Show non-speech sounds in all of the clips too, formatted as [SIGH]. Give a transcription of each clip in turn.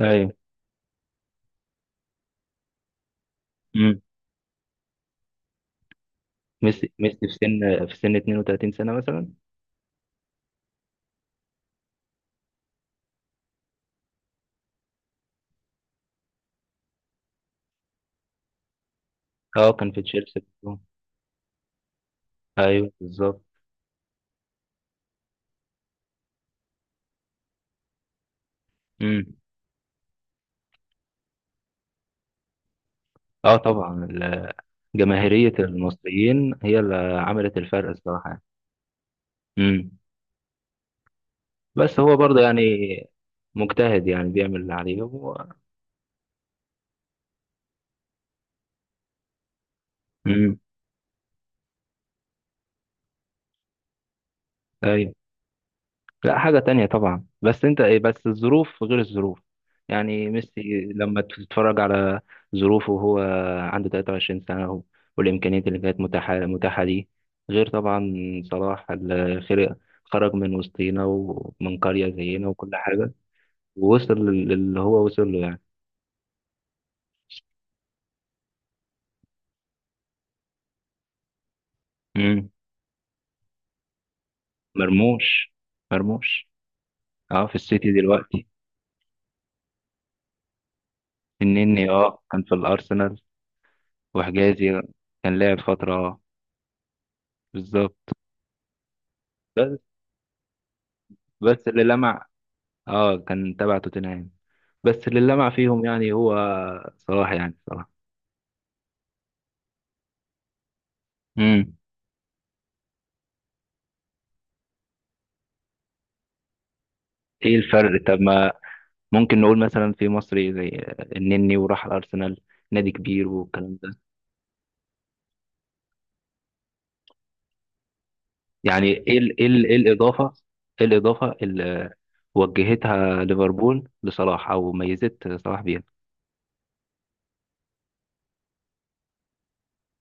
ايوه. امم ميسي في سن 32 سنة مثلا. اه، كان في تشيلسي. ايوه، بالظبط. امم اه طبعا، جماهيرية المصريين هي اللي عملت الفرق الصراحة يعني. امم بس هو برضه يعني مجتهد، يعني بيعمل اللي عليه و... امم ايوه. لا، حاجة تانية طبعا، بس انت ايه، بس الظروف غير الظروف. يعني ميسي لما تتفرج على ظروفه وهو عنده 23 سنة والإمكانيات اللي كانت متاحة ليه، غير طبعا صلاح اللي خرج من وسطينا ومن قرية زينا وكل حاجة، ووصل للي هو وصل له يعني. مم. مرموش. مرموش. اه، في السيتي دلوقتي. النني اه كان في الأرسنال، وحجازي كان لعب فترة آه. بالظبط. بس اللي لمع اه كان تبع توتنهام. بس اللي لمع فيهم يعني هو صلاح، يعني صلاح. امم ايه الفرق؟ طب ما ممكن نقول مثلا في مصري زي النني وراح الارسنال، نادي كبير والكلام ده. يعني ايه ال ايه ال ايه الاضافه؟ ايه الاضافه اللي وجهتها ليفربول لصلاح او ميزت صلاح بيها؟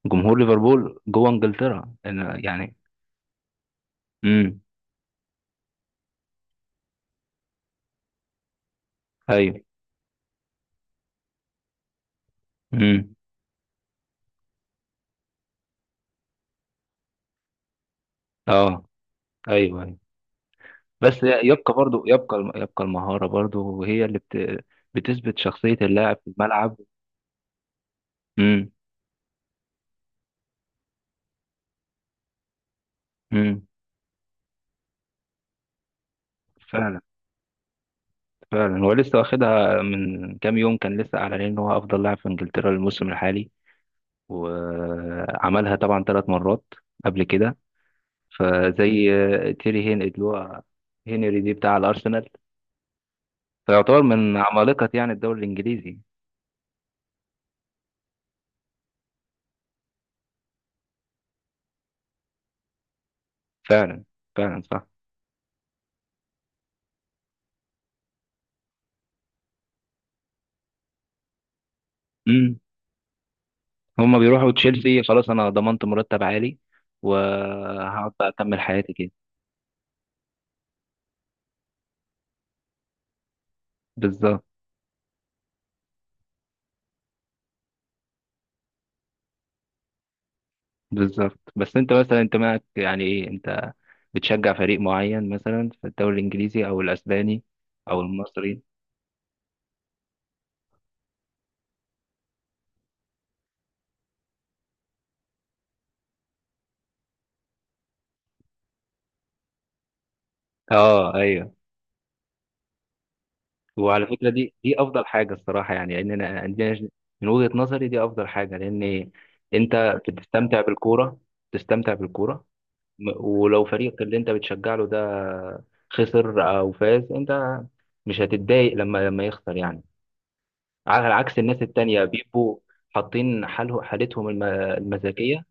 جمهور ليفربول جوه انجلترا أنا يعني. امم ايوه. امم اه، ايوه أيوه. بس يبقى برضو، يبقى المهارة برضو هي اللي بتثبت شخصية اللاعب في الملعب. امم امم فعلا، فعلا. هو لسه واخدها من كام يوم، كان لسه اعلن ان هو افضل لاعب في انجلترا الموسم الحالي، وعملها طبعا ثلاث مرات قبل كده. فزي تيري هين، اللي هو هنري دي بتاع الارسنال، فيعتبر من عمالقة يعني الدوري الانجليزي. فعلا، فعلا صح. امم. هما بيروحوا تشيلسي، خلاص انا ضمنت مرتب عالي وهقعد بقى اكمل حياتي كده. بالظبط. بالظبط. بس انت مثلا، انت معك يعني ايه؟ انت بتشجع فريق معين مثلا في الدوري الانجليزي او الاسباني او المصري؟ اه، ايوه. وعلى فكره، دي افضل حاجه الصراحه يعني، لان انا عندنا من وجهه نظري دي افضل حاجه، لان انت بتستمتع بالكوره، تستمتع بالكوره. ولو فريقك اللي انت بتشجع له ده خسر او فاز، انت مش هتتضايق لما يخسر يعني، على عكس الناس التانية بيبقوا حاطين حالتهم المزاجية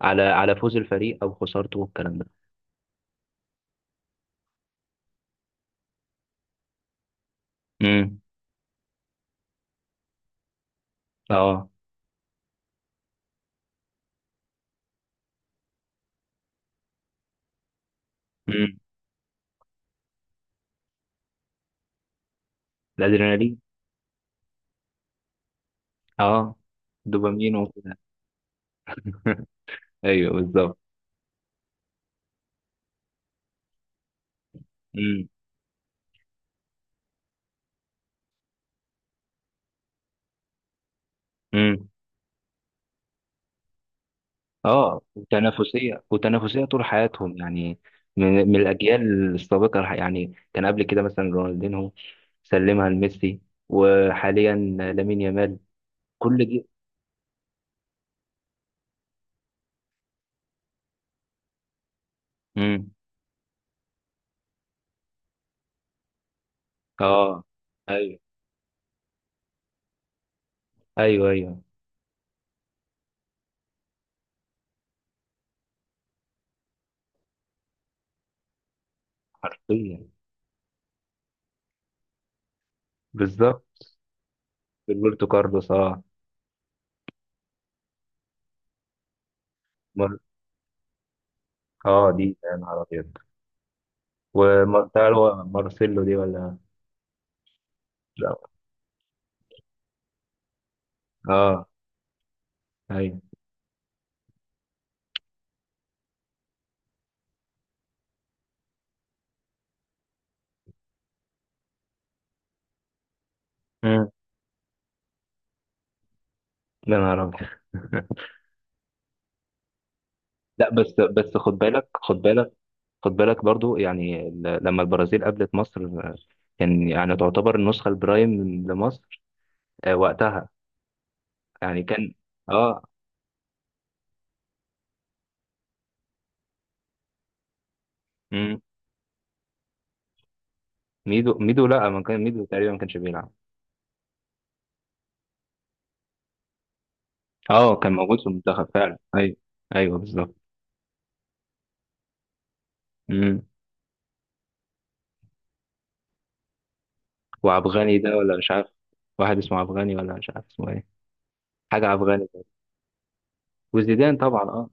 على على فوز الفريق أو خسارته والكلام ده. امم اه. امم الأدرينالين. اه، دوبامين وكده. [LAUGHS] ايوه، بالظبط. امم امم اه، وتنافسيه، وتنافسيه طول حياتهم يعني. من، من الاجيال السابقه يعني كان قبل كده مثلا رونالدينهو سلمها لميسي، وحاليا لامين يامال. كل دي. اه، ايوه. ايوه، ايوه، حرفيا. بالظبط. روبرتو كارلوس، اه. مر... اه، دي يا نهار ابيض. ومارسيلو، مارسيلو دي ولا؟ لا. اه، ايوه. امم يا نهار ابيض. [LAUGHS] لا بس بس، خد بالك، خد بالك، خد بالك برضو يعني، لما البرازيل قابلت مصر آه، كان يعني تعتبر النسخة البرايم لمصر آه، وقتها. يعني كان، اه. امم ميدو لا، ما كان ميدو تقريبا ما كانش بيلعب. اه، كان موجود في المنتخب فعلا. ايوه، ايوه، بالظبط. امم وعبغاني ده، ولا مش عارف؟ واحد اسمه عبغاني ولا مش عارف اسمه ايه، حاجة عبغاني ده. وزيدان طبعا، اه.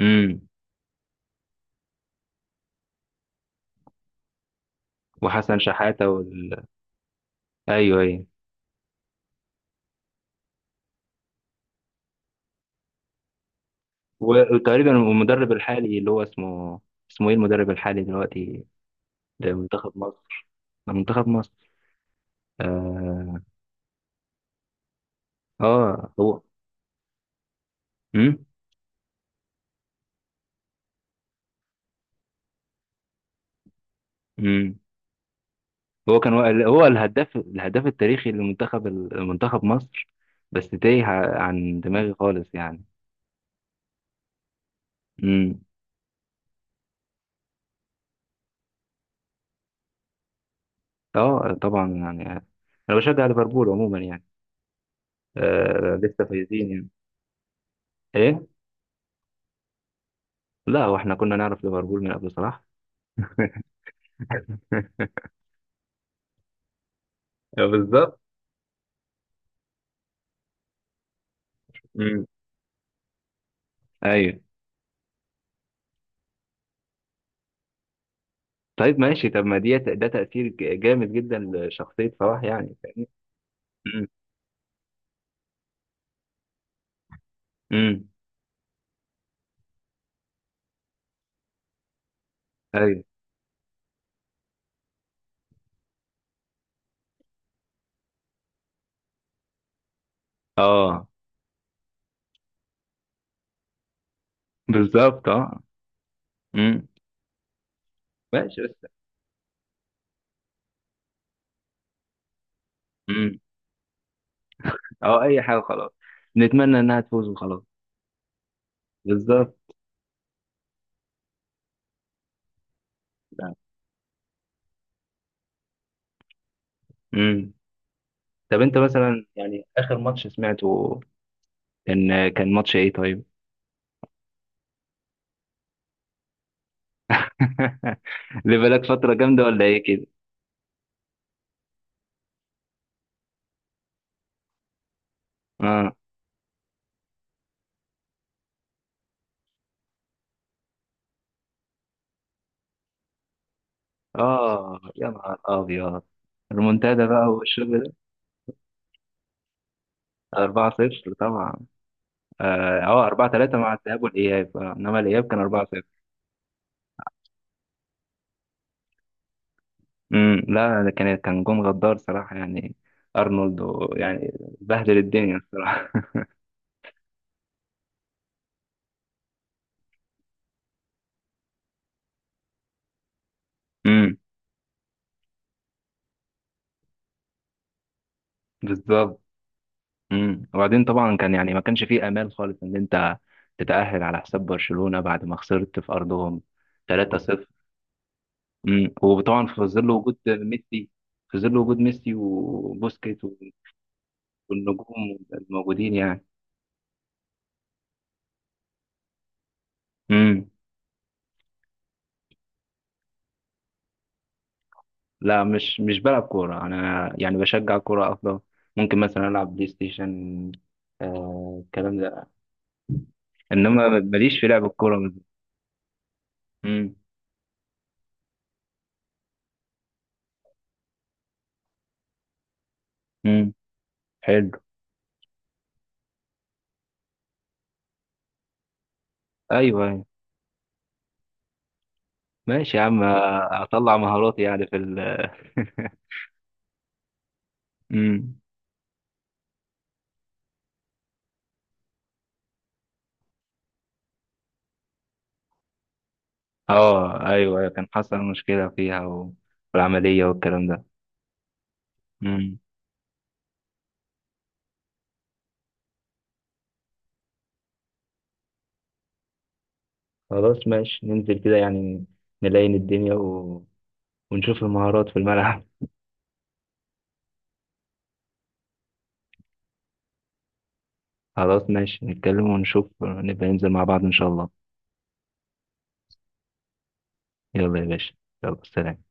امم وحسن شحاتة ايوه، ايوه. وتقريبا المدرب الحالي اللي هو اسمه، اسمه ايه المدرب الحالي دلوقتي لمنتخب مصر؟ آه، منتخب مصر، اه, آه هو. امم امم هو كان هو الهداف، الهداف التاريخي لمنتخب، منتخب مصر، بس تايه عن دماغي خالص يعني. اه طبعا يعني، انا بشجع ليفربول عموما يعني، آه لسه فايزين يعني. ايه، لا، واحنا كنا نعرف ليفربول من قبل صلاح. [LAUGHS] بالظبط. امم ايوه. طيب، ماشي. طب ما ده تأثير جامد جدا لشخصية صلاح، يعني فاهمني. امم امم ايوه. اه، بالظبط. اه. امم ماشي، بس. امم اه، اي حاجة خلاص، نتمنى انها تفوز وخلاص. بالظبط. امم طب انت مثلا، يعني اخر ماتش سمعته كان كان ماتش ايه طيب؟ [LAUGHS] اللي بقالك فترة جامدة ولا ايه كده؟ اه، اه، يا نهار ابيض، المنتدى بقى والشغل ده. 4-0 طبعا. اه، آه، 4-3 مع الذهاب والاياب آه. انما الاياب كان 4-0. لا، ده كان كان جون غدار صراحة يعني. ارنولد يعني بهدل الدنيا الصراحة. [LAUGHS] امم بالظبط. وبعدين طبعا كان يعني ما كانش فيه امال خالص ان انت تتأهل على حساب برشلونة بعد ما خسرت في ارضهم 3-0. مم. وطبعا في ظل وجود ميسي، في ظل وجود ميسي وبوسكيت والنجوم الموجودين يعني. مم. لا، مش بلعب كورة أنا يعني، بشجع كورة أفضل. ممكن مثلا ألعب بلاي ستيشن، آه الكلام ده. إنما ماليش في لعب الكورة بالظبط. مم. مم. حلو. أيوه، أيوه. ماشي يا عم. أطلع مهاراتي يعني في ال. [LAUGHS] مم. أه، أيوه أيوه. كان حصل مشكلة فيها، والعملية والكلام ده. خلاص، ماشي، ننزل كده يعني، نلاين الدنيا و... ونشوف المهارات في الملعب. [LAUGHS] خلاص ماشي، نتكلم ونشوف، نبقى ننزل مع بعض إن شاء الله. يلا يا باشا، يلا، سلام.